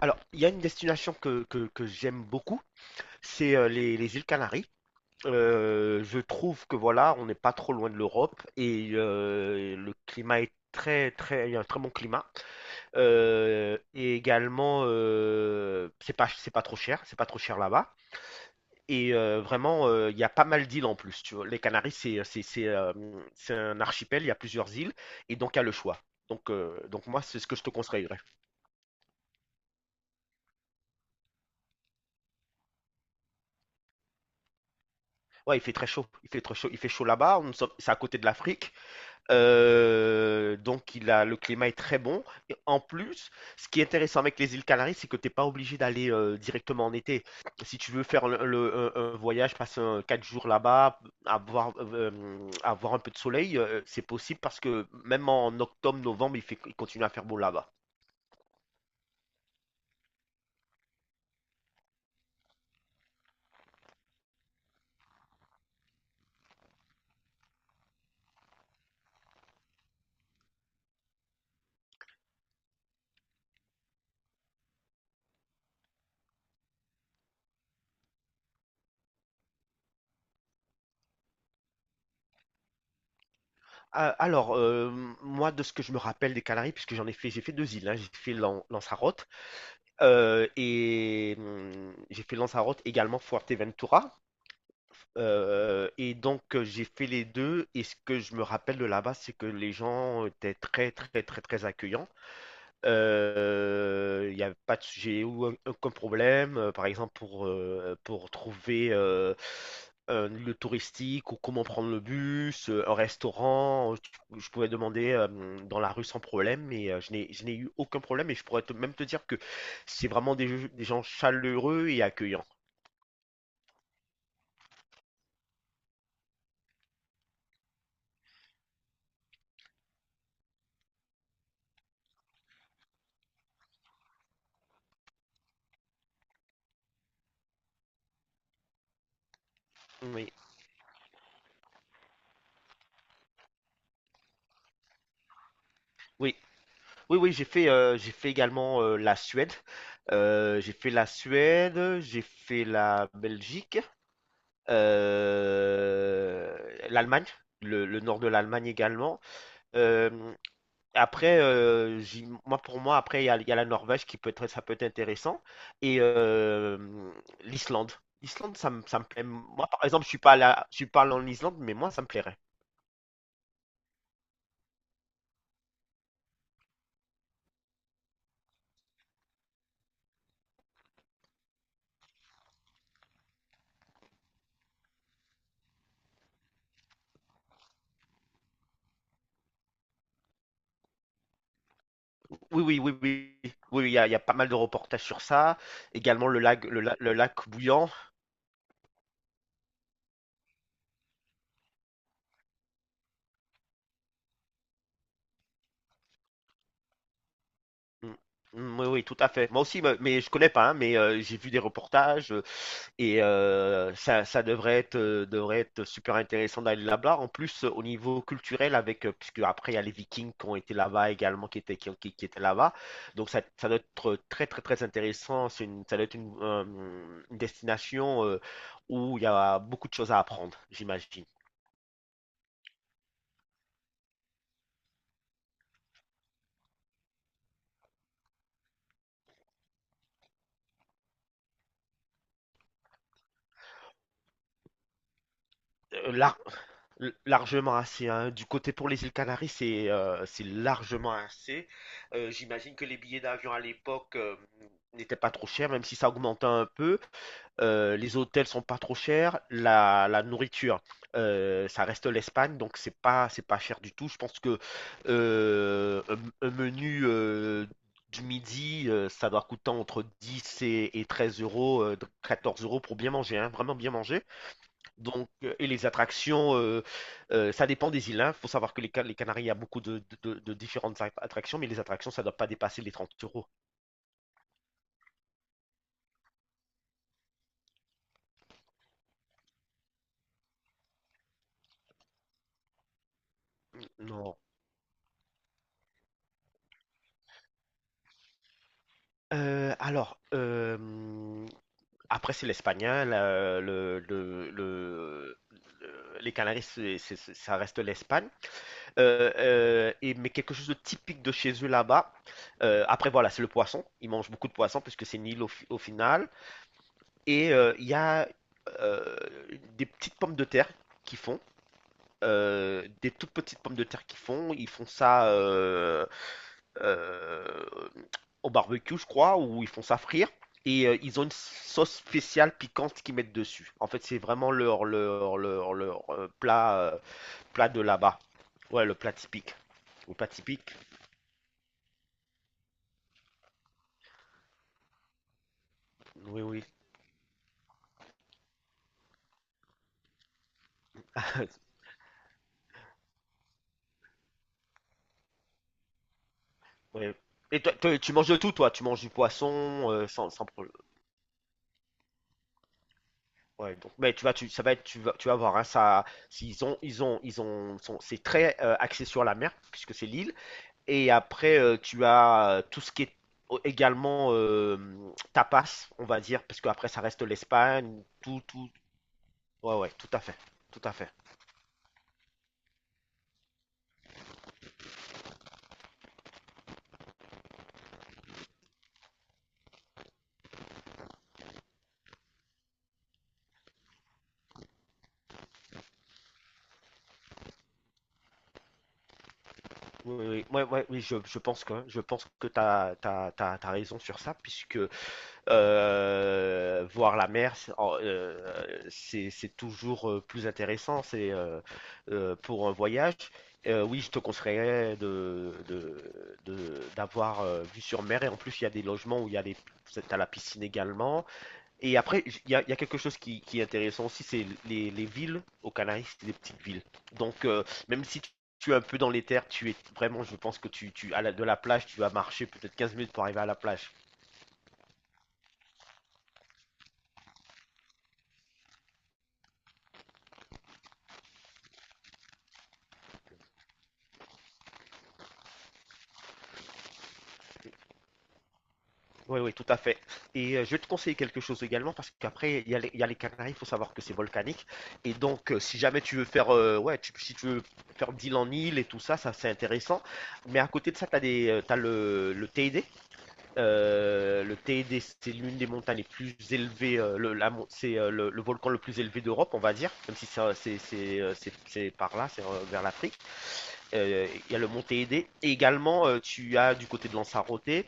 Alors, il y a une destination que j'aime beaucoup, c'est les îles Canaries. Je trouve que voilà, on n'est pas trop loin de l'Europe et le climat est il y a un très bon climat. Et également, c'est pas trop cher, c'est pas trop cher là-bas. Vraiment, il y a pas mal d'îles en plus. Tu vois, les Canaries, c'est un archipel, il y a plusieurs îles et donc il y a le choix. Donc moi, c'est ce que je te conseillerais. Ouais, il fait très chaud. Il fait très chaud. Il fait chaud là-bas. C'est à côté de l'Afrique. Donc, le climat est très bon. Et en plus, ce qui est intéressant avec les îles Canaries, c'est que tu n'es pas obligé d'aller directement en été. Si tu veux faire un voyage, passer quatre jours là-bas, avoir, euh, avoir un peu de soleil, c'est possible parce que même en octobre, novembre, il continue à faire beau là-bas. Alors, moi, de ce que je me rappelle des Canaries, puisque j'en ai fait, j'ai fait deux îles, hein. J'ai fait Lanzarote. J'ai fait Lanzarote également, Fuerteventura. J'ai fait les deux. Et ce que je me rappelle de là-bas, c'est que les gens étaient très très très très accueillants. Il n'y a pas de sujet ou aucun problème, par exemple pour trouver un lieu touristique ou comment prendre le bus, un restaurant. Je pouvais demander dans la rue sans problème, mais je n'ai eu aucun problème et je pourrais même te dire que c'est vraiment des gens chaleureux et accueillants. Oui, oui, oui, oui, j'ai fait également la Suède. J'ai fait la Suède, j'ai fait la Belgique, euh, l'Allemagne, le nord de l'Allemagne également. Euh, Moi pour moi, après il y a la Norvège qui peut être, ça peut être intéressant et l'Islande. L'Islande, ça me plaît. Moi, par exemple, je suis pas allé en Islande, mais moi, ça me plairait. Oui, oui, oui, oui, oui, oui, il y a, il y a pas mal de reportages sur ça. Également le lac, le lac bouillant. Mm, mm, oui, oui, tout à fait. Moi aussi, mais je connais pas, hein, mais j'ai vu des reportages. Ça, ça devrait être super intéressant d'aller là-bas. En plus, au niveau culturel, avec, puisque après, il y a les Vikings qui ont été là-bas également, qui étaient, qui, ont- qui étaient là-bas. Donc, ça doit être très, très, très intéressant. Ça doit être une destination où il y a beaucoup de choses à apprendre, j'imagine. Euh, l'ar- Largement assez, hein. Du côté pour les îles Canaries, c'est largement assez. J'imagine que les billets d'avion à l'époque n'étaient pas trop chers, même si ça augmentait un peu. Les hôtels sont pas trop chers. La nourriture, ça reste l'Espagne, donc c'est pas cher du tout. Je pense que un menu du midi, ça doit coûter entre 10 et 13 euros, 14 euros pour bien manger, hein, vraiment bien manger. Et les attractions, ça dépend des îles. Il faut savoir que les Canaries, il y a beaucoup de différentes attractions, mais les attractions, ça ne doit pas dépasser les 30 euros. Non. Euh, alors, euh, Après, c'est l'espagnol. Les Canaries, ça reste l'Espagne. Mais quelque chose de typique de chez eux là-bas. Après, voilà, c'est le poisson. Ils mangent beaucoup de poisson puisque c'est une île au final. Il y a euh, des petites pommes de terre qui font. Des toutes petites pommes de terre qui font, ils font ça euh, au barbecue, je crois, ou ils font ça frire. Et ils ont une sauce spéciale piquante qu'ils mettent dessus. En fait, c'est vraiment leur plat de là-bas. Ouais, le plat typique. Le plat typique. Oui, oui, ouais. Et toi, toi, tu manges de tout, toi. Tu manges du poisson, sans problème. Ouais, donc, ça va être, tu vas voir, hein, ça, s'ils ont, ils ont, ils ont, sont- c'est très axé sur la mer puisque c'est l'île. Et après, tu as tout ce qui est également tapas, on va dire, parce qu'après ça reste l'Espagne, tout. Ouais, ouais, tout à fait, tout à fait. Oui, oui, oui, ouais, ouais, oui, je pense que t'as raison sur ça puisque voir la mer, c'est toujours plus intéressant. C'est pour un voyage. Oui, je te conseillerais d'avoir vue sur mer. Et en plus, il y a des logements où il y a les, t'as la piscine également. Et après, il y a quelque chose qui est intéressant aussi, c'est les villes aux Canaries, c'est des petites villes. Donc, même si tu es un peu dans les terres, tu es vraiment, je pense que de la plage, tu vas marcher peut-être 15 minutes pour arriver à la plage. Oui, oui, tout à fait. Et je vais te conseiller quelque chose également parce qu'après, il y a les Canaries, il faut savoir que c'est volcanique. Et donc, si jamais tu veux faire, ouais, si tu veux faire d'île en île et tout ça, ça c'est intéressant. Mais à côté de ça, t'as le TED. Le TED, c'est l'une des montagnes les plus élevées, c'est le volcan le plus élevé d'Europe, on va dire, même si c'est par là, c'est vers l'Afrique. Il y a le mont Téhédé. Et également, tu as du côté de Lanzarote.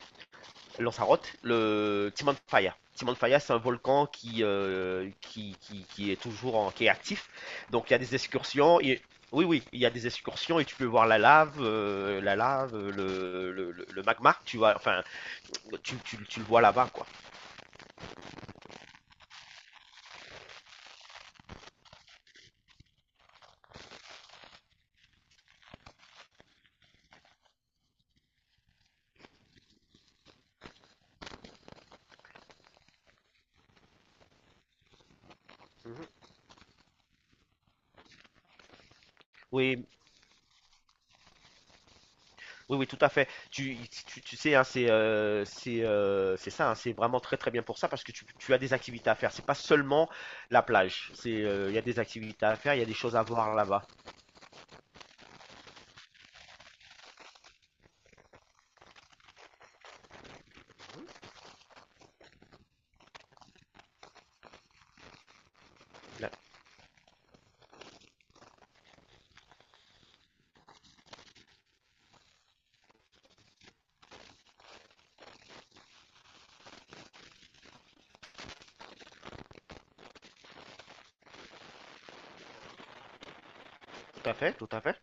Lanzarote, le Timanfaya. Timanfaya, c'est un volcan qui est qui est actif. Donc il y a des excursions. Oui, oui, il y a des excursions et tu peux voir la lave, le magma. Tu vois, enfin, tu le vois là-bas, quoi. Mhm. Oui, oui, oui, tout à fait. Tu sais, hein, c'est ça, hein, c'est vraiment très très bien pour ça parce que tu as des activités à faire. C'est pas seulement la plage. Il y a des activités à faire, il y a des choses à voir là-bas. Là, tout à fait, tout à fait.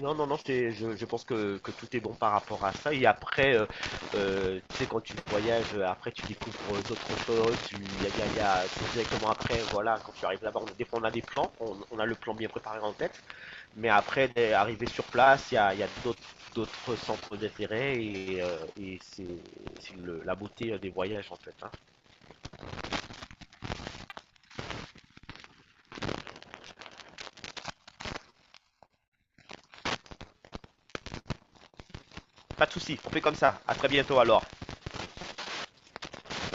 Non, non, non, je pense que tout est bon par rapport à ça. Et après, tu sais, quand tu voyages, après, tu découvres d'autres choses. Tu, y a, y a- y a- C'est directement après, voilà, quand tu arrives là-bas, des fois, on a des plans, on a le plan bien préparé en tête. Mais après, arrivé sur place, y a d'autres centres d'intérêt et, c'est la beauté des voyages, en fait, hein. Pas de souci, on fait comme ça. À très bientôt alors.